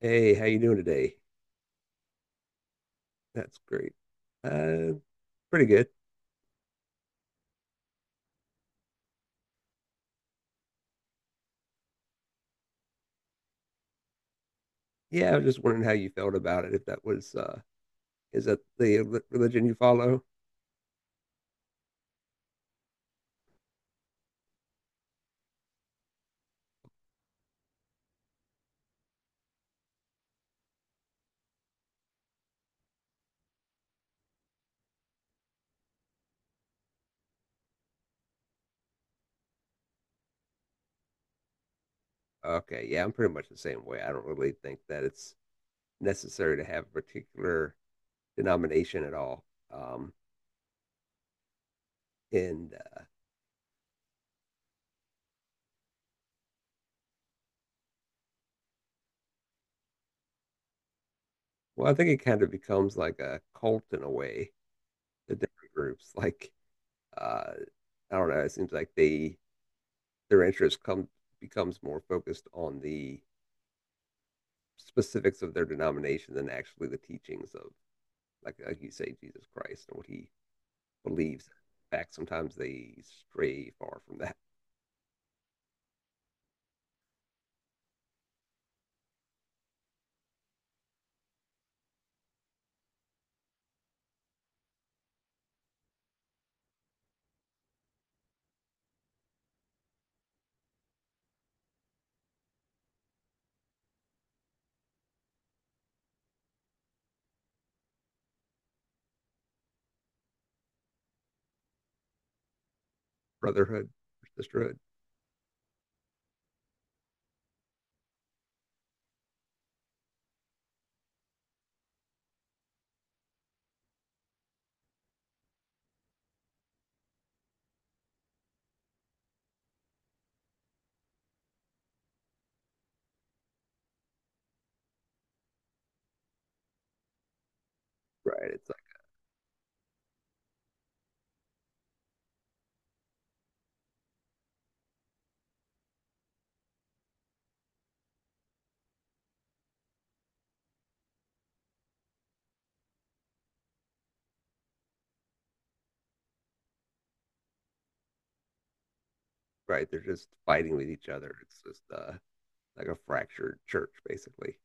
Hey, how you doing today? That's great. Uh, pretty good. Yeah, I was just wondering how you felt about it, if that was is that the religion you follow? Okay, yeah, I'm pretty much the same way. I don't really think that it's necessary to have a particular denomination at all. Um, and well, I think it kind of becomes like a cult in a way, the different groups. Like uh I don't know, it seems like they their interest comes becomes more focused on the specifics of their denomination than actually the teachings of, like you say, Jesus Christ and what he believes. In fact, sometimes they stray far from that brotherhood or sisterhood. Right. It's like, right, they're just fighting with each other. It's just like a fractured church, basically,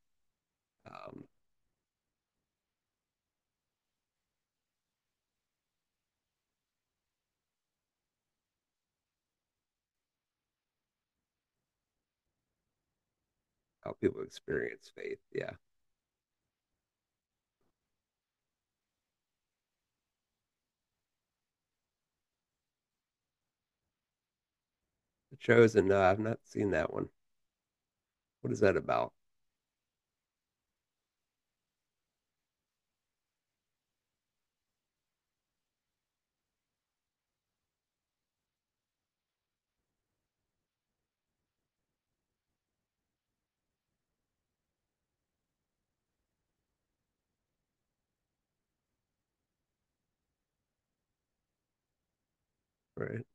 um, how people experience faith. Yeah. The Chosen, no, I've not seen that one. What is that about? Right.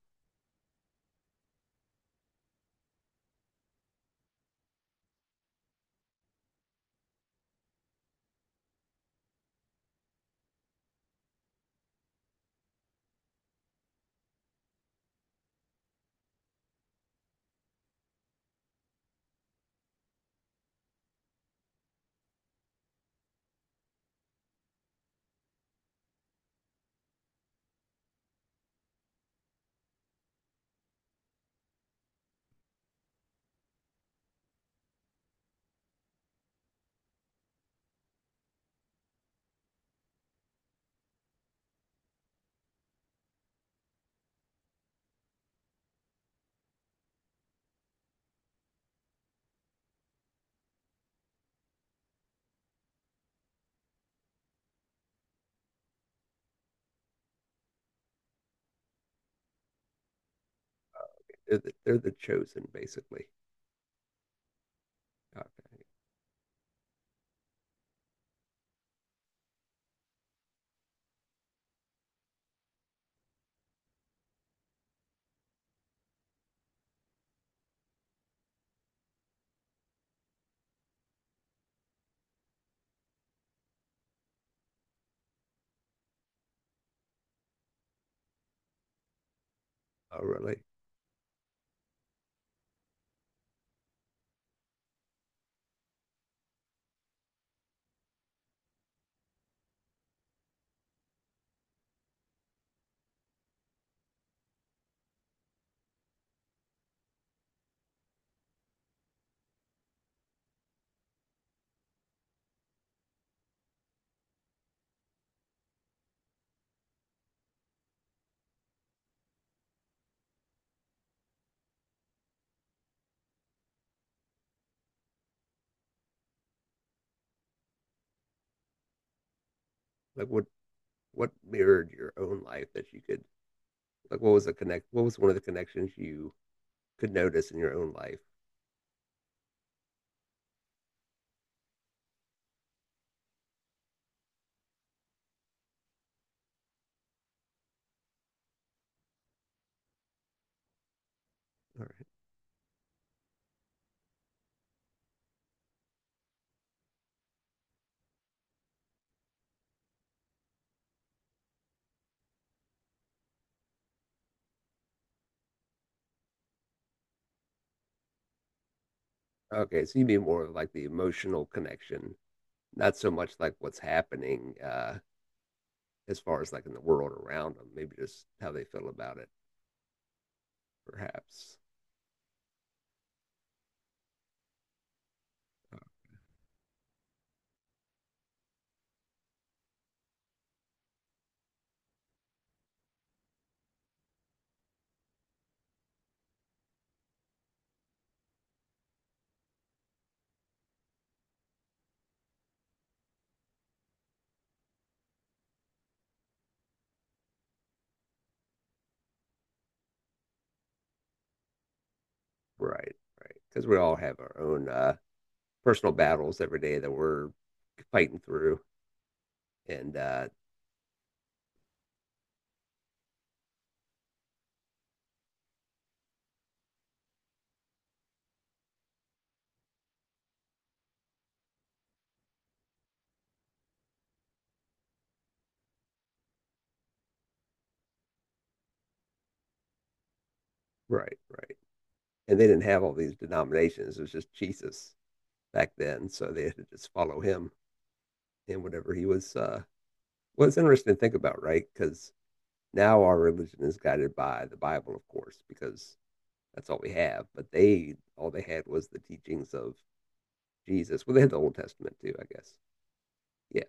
They're the chosen, basically. Okay. Oh, really? Like, what mirrored your own life that you could Like, what was the connect? What was one of the connections you could notice in your own life? All right. Okay, so you mean more of like the emotional connection, not so much like what's happening as far as like in the world around them. Maybe just how they feel about it, perhaps. Right, right. Because we all have our own personal battles every day that we're fighting through, and right, right. And they didn't have all these denominations. It was just Jesus back then, so they had to just follow him and whatever he was Well, it's interesting to think about, right? Because now our religion is guided by the Bible, of course, because that's all we have. But all they had was the teachings of Jesus. Well, they had the Old Testament too, I guess. Yeah,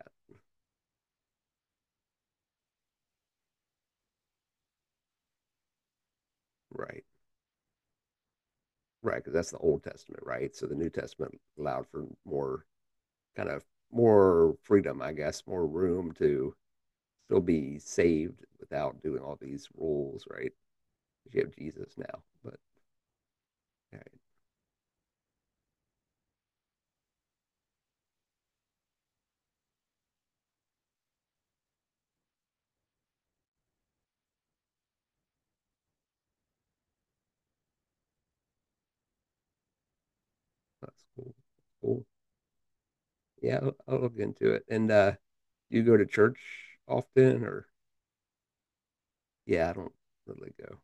right, right. Because that's the Old Testament, right? So the New Testament allowed for more kind of more freedom, I guess, more room to still be saved without doing all these rules, right? You have Jesus now, but all right, that's cool. Cool. Yeah, I'll look into it. And do you go to church often or? Yeah, I don't really go.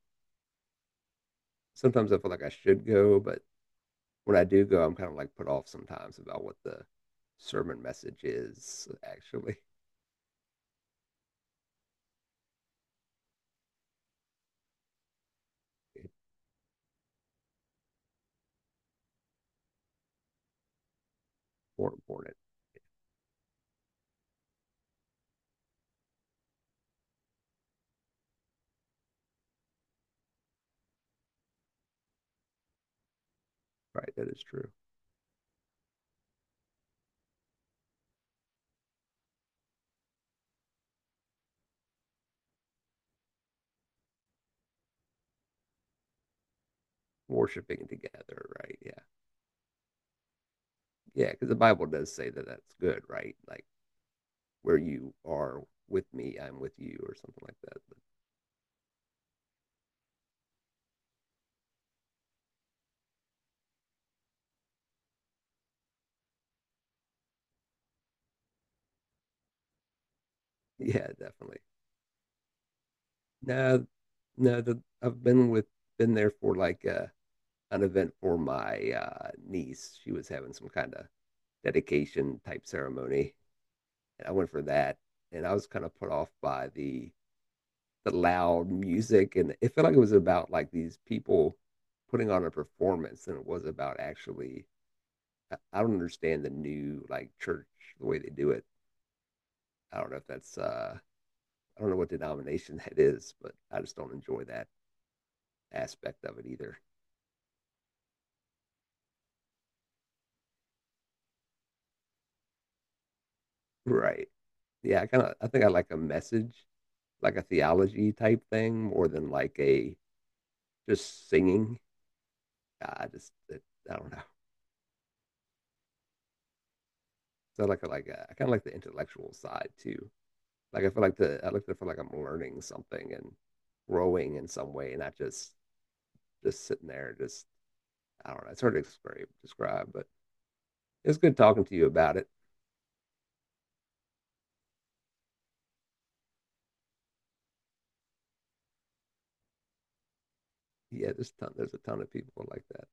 Sometimes I feel like I should go, but when I do go, I'm kind of like put off sometimes about what the sermon message is actually. It's more important, right? That is true. Worshiping together, right? Yeah. Yeah, because the Bible does say that that's good, right? Like where you are with me, I'm with you, or something like that. But yeah, definitely. No, no, the, I've been with, been there for like an event for my niece. She was having some kind of dedication type ceremony, and I went for that. And I was kind of put off by the loud music, and it felt like it was about like these people putting on a performance than it was about actually. I don't understand the new like church the way they do it. I don't know if that's I don't know what denomination that is, but I just don't enjoy that aspect of it either. Right. Yeah, I kind of I think I like a message like a theology type thing more than like a just singing. I just it, I don't know. So I kind of like the intellectual side too. Like I like to feel like I'm learning something and growing in some way, and not just just sitting there. Just I don't know. It's hard to describe but it's good talking to you about it. There's a ton of people like that.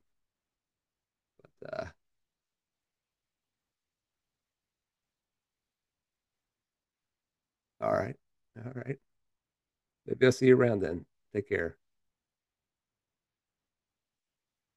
But, uh, all right, all right. Maybe I'll see you around then. Take care.